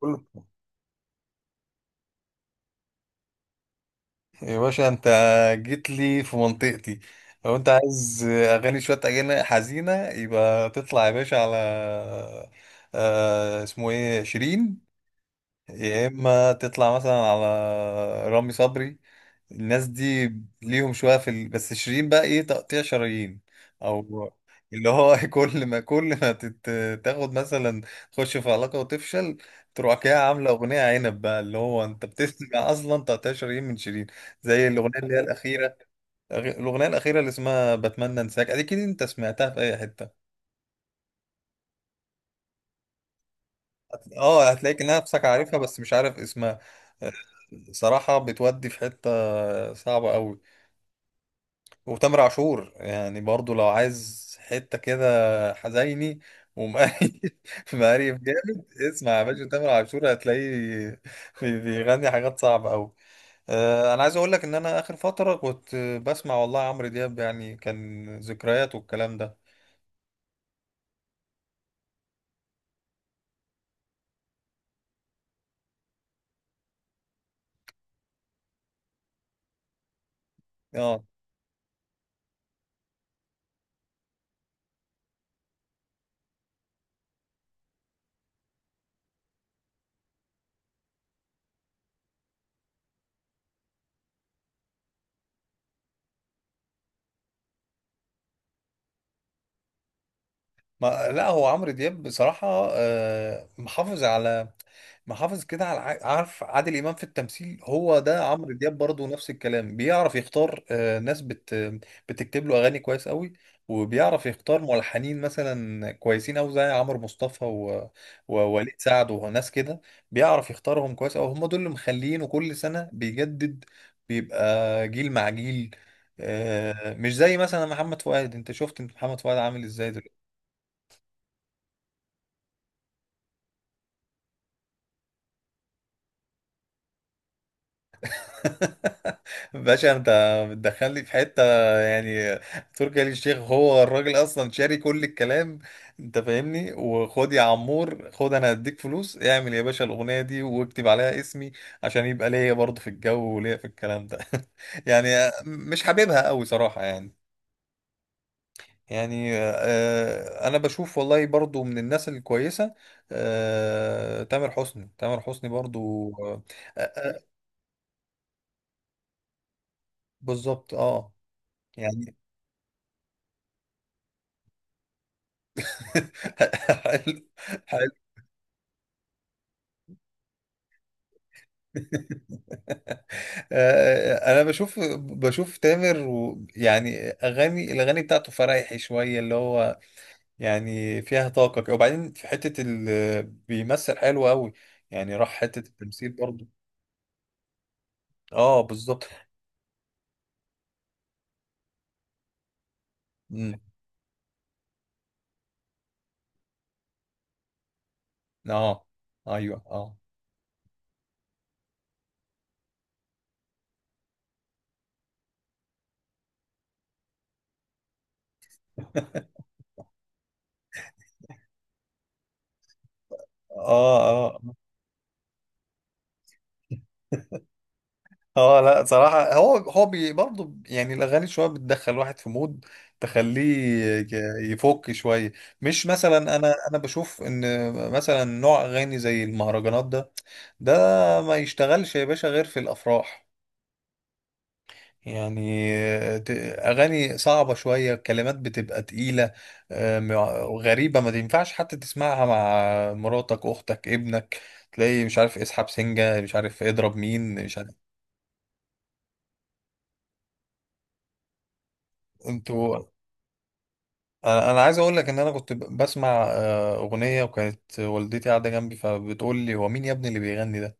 كله. يا باشا انت جيت لي في منطقتي. لو انت عايز اغاني شويه اغاني حزينه يبقى تطلع يا باشا على اسمه ايه شيرين، يا اما تطلع مثلا على رامي صبري. الناس دي ليهم شويه في بس شيرين بقى ايه؟ تقطيع شرايين، او اللي هو كل ما كل ما تت... تاخد مثلا تخش في علاقه وتفشل، تروح كده عامله اغنيه عنب بقى، اللي هو انت بتسمع اصلا تقطيع شرايين من شيرين. زي الاغنيه اللي هي الاخيره، الاغنيه الاخيره اللي اسمها بتمنى انساك، اكيد انت سمعتها في اي حته. هتلاقيك نفسك عارفها بس مش عارف اسمها. صراحة بتودي في حتة صعبة قوي. وتامر عاشور يعني برضو لو عايز حتة كده حزيني ومقريف مقريف جامد. اسمع يا باشا تامر عاشور هتلاقيه بيغني حاجات صعبة قوي. انا عايز اقول لك ان انا اخر فترة كنت بسمع والله عمرو دياب، يعني كان ذكريات والكلام ده. اه. ما لا، هو عمرو دياب بصراحة محافظ على، محافظ كده على عارف عادل إمام في التمثيل؟ هو ده عمرو دياب برضه، نفس الكلام، بيعرف يختار ناس بتكتب له أغاني كويس قوي، وبيعرف يختار ملحنين مثلا كويسين أوي زي عمرو مصطفى ووليد سعد وناس كده. بيعرف يختارهم كويس أوي، هم دول اللي مخلينه كل سنة بيجدد، بيبقى جيل مع جيل. مش زي مثلا محمد فؤاد، انت شفت انت محمد فؤاد عامل ازاي؟ باشا انت بتدخلني في حته يعني. تركي آل الشيخ هو الراجل اصلا شاري كل الكلام، انت فاهمني، وخد يا عمور خد، انا هديك فلوس اعمل يا باشا الاغنيه دي واكتب عليها اسمي عشان يبقى ليا برضه في الجو وليا في الكلام ده يعني. مش حاببها قوي صراحه يعني. يعني انا بشوف والله برضو من الناس الكويسه تامر حسني. تامر حسني برضو آه، آه، بالظبط. اه يعني حلو. حلو. انا بشوف تامر، و يعني اغاني، الاغاني بتاعته فرايحي شويه، اللي هو يعني فيها طاقه كده. وبعدين في حته ال بيمثل حلو قوي، يعني راح حته التمثيل برضه. اه بالظبط. أمم، اه. ايوه اه. اه اه. اه لا صراحة، هو هو برضه يعني الأغاني شوية بتدخل واحد في مود تخليه يفك شوية. مش مثلا، أنا بشوف إن مثلا نوع أغاني زي المهرجانات ده، ده ما يشتغلش يا باشا غير في الأفراح يعني. ت- أغاني صعبة شوية، كلمات بتبقى تقيلة غريبة، ما ينفعش حتى تسمعها مع مراتك أختك ابنك، تلاقي مش عارف اسحب سنجة، مش عارف اضرب مين، مش عارف. انتوا. أنا عايز اقول لك ان انا كنت بسمع اغنيه وكانت والدتي قاعده جنبي، فبتقول لي هو مين يا ابني اللي بيغني ده؟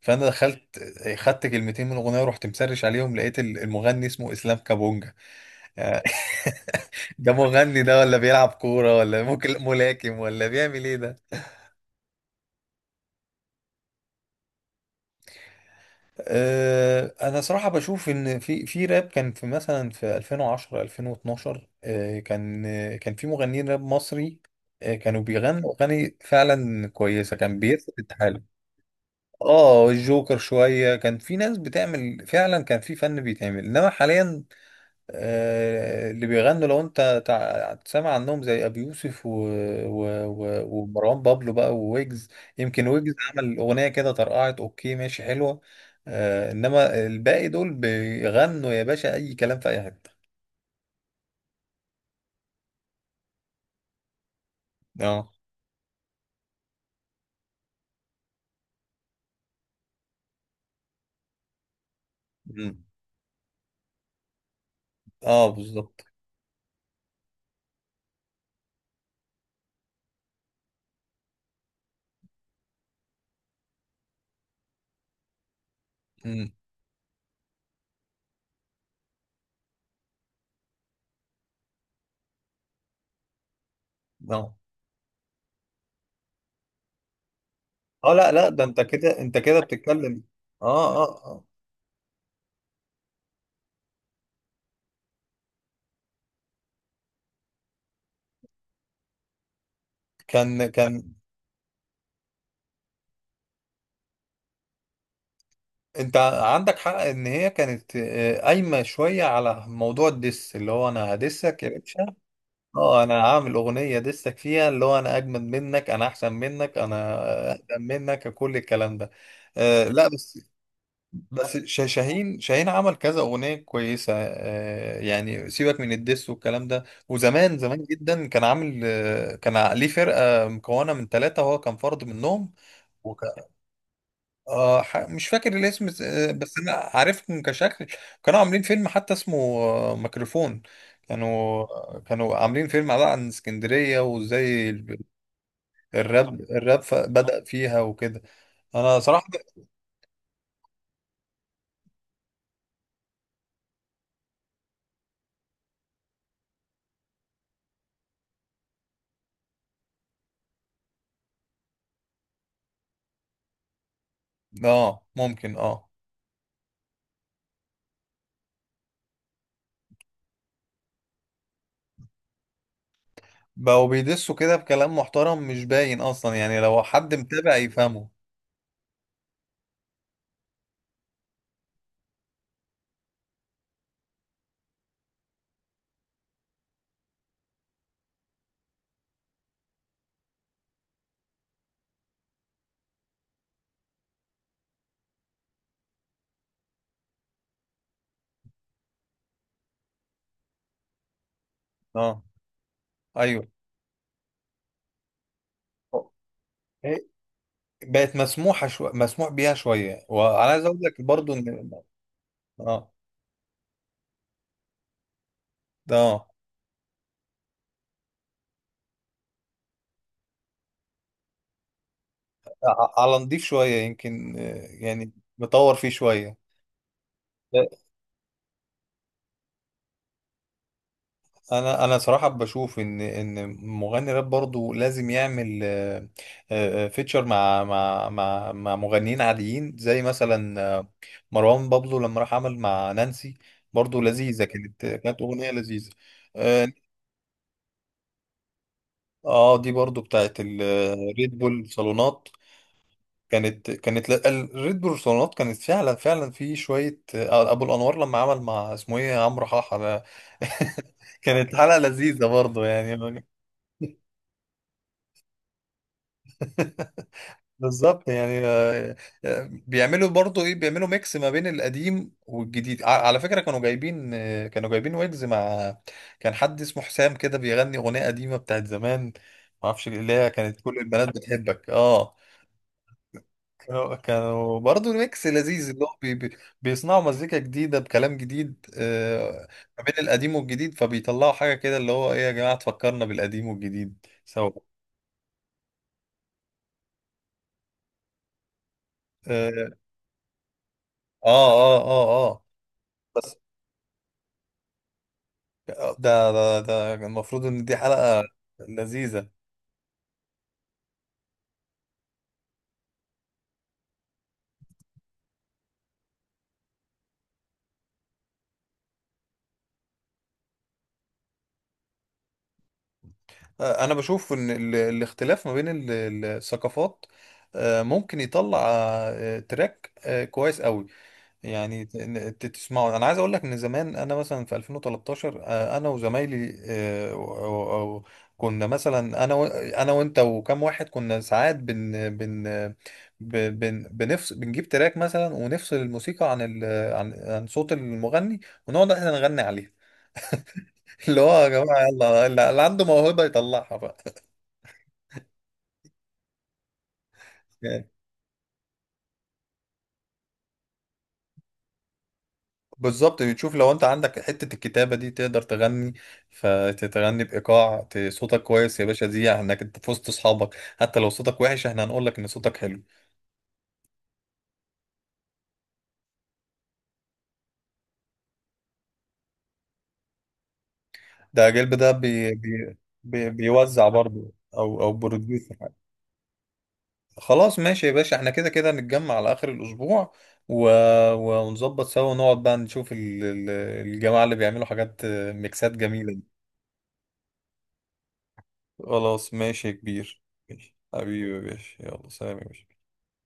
فانا دخلت خدت كلمتين من الاغنيه ورحت مسرش عليهم، لقيت المغني اسمه اسلام كابونجا يعني. ده مغني ده، ولا بيلعب كوره، ولا ممكن ملاكم، ولا بيعمل ايه ده؟ انا صراحه بشوف ان في راب، كان في مثلا في 2010 2012 كان في مغنيين راب مصري كانوا بيغنوا اغاني فعلا كويسه، كان بيثبت. اه الجوكر شوية، كان في ناس بتعمل فعلا، كان في فن بيتعمل، انما حاليا اللي بيغنوا لو انت سامع عنهم زي ابي يوسف ومروان بابلو بقى وويجز، يمكن ويجز عمل اغنية كده طرقعت، اوكي ماشي حلوة، انما الباقي دول بيغنوا يا باشا اي كلام في اي حتة. اه. مم. اه بالظبط. مم. اه اه. لا لا، ده انت كده، انت كده بتتكلم. اه اه كان كان انت عندك حق ان هي كانت قايمه شويه على موضوع الدس، اللي هو انا هدسك يا باشا. اه، انا هعمل اغنيه دسك فيها، اللي هو انا اجمد منك، انا احسن منك، انا اقدم منك، كل الكلام ده. آه لا بس، بس شاهين عمل كذا اغنيه كويسه آه، يعني سيبك من الدس والكلام ده. وزمان جدا كان عامل ليه فرقه مكونه من ثلاثه وهو كان فرد منهم. مش فاكر الاسم بس انا عارفهم كشكل، كانوا عاملين فيلم حتى اسمه ميكروفون. كانوا كانوا عاملين فيلم على عن اسكندرية وازاي الراب بدأ فيها وكده. انا صراحة اه ممكن اه بقوا بيدسوا كده بكلام محترم، مش باين اصلا يعني لو حد متابع يفهمه. اه ايوه. إيه، بقت مسموحة مسموح بيها شوية. وانا عايز اقول لك برضو ان اه ده على نضيف شوية يمكن يعني مطور فيه شوية. لا، انا صراحة بشوف ان مغني راب برضو لازم يعمل فيتشر مع مغنيين عاديين زي مثلا مروان بابلو لما راح عمل مع نانسي، برضو لذيذة كانت، كانت أغنية لذيذة. اه دي برضو بتاعت الريد بول صالونات. كانت الريد بيرسونات كانت فعلا فعلا في شويه ابو الانوار لما عمل مع اسمه ايه عمرو حاحه ده كانت حلقه لذيذه برضه يعني. بالظبط يعني بيعملوا برضو ايه، بيعملوا ميكس ما بين القديم والجديد على فكرة. كانوا جايبين كانوا جايبين ويجز مع، كان حد اسمه حسام كده بيغني أغنية قديمة بتاعت زمان، ما اعرفش، اللي هي كانت كل البنات بتحبك. اه كانوا برضه ميكس لذيذ، اللي هو بي بيصنعوا مزيكا جديدة بكلام جديد ما بين القديم والجديد، فبيطلعوا حاجة كده اللي هو ايه يا جماعة، تفكرنا بالقديم والجديد سوا. اه اه اه اه بس ده المفروض ان دي حلقة لذيذة. انا بشوف ان الاختلاف ما بين الثقافات ممكن يطلع تراك كويس قوي. يعني تسمعوا. انا عايز اقول لك ان زمان انا مثلا في 2013 انا وزمايلي و- و- كنا مثلا، انا وانت وكم واحد، كنا ساعات بن بن ب- بن بنفصل، بنجيب تراك مثلا ونفصل الموسيقى عن ال، عن عن صوت المغني، ونقعد احنا نغني عليها. اللي هو يا جماعه يلا اللي عنده موهبه يطلعها بقى. بالظبط، تشوف لو انت عندك حتة الكتابة دي تقدر تغني فتغني بإيقاع. صوتك كويس يا باشا، دي انك انت في وسط اصحابك، حتى لو صوتك وحش احنا هنقول لك ان صوتك حلو. ده جلب، ده بي بي بي بيوزع برضه، او او بروديوسر. خلاص ماشي يا باشا، احنا كده نتجمع على اخر الاسبوع ونظبط سوا، ونقعد بقى نشوف الجماعة اللي بيعملوا حاجات ميكسات جميلة دي. خلاص ماشي يا كبير. ماشي. حبيبي يا باشا يلا سلام يا باشا.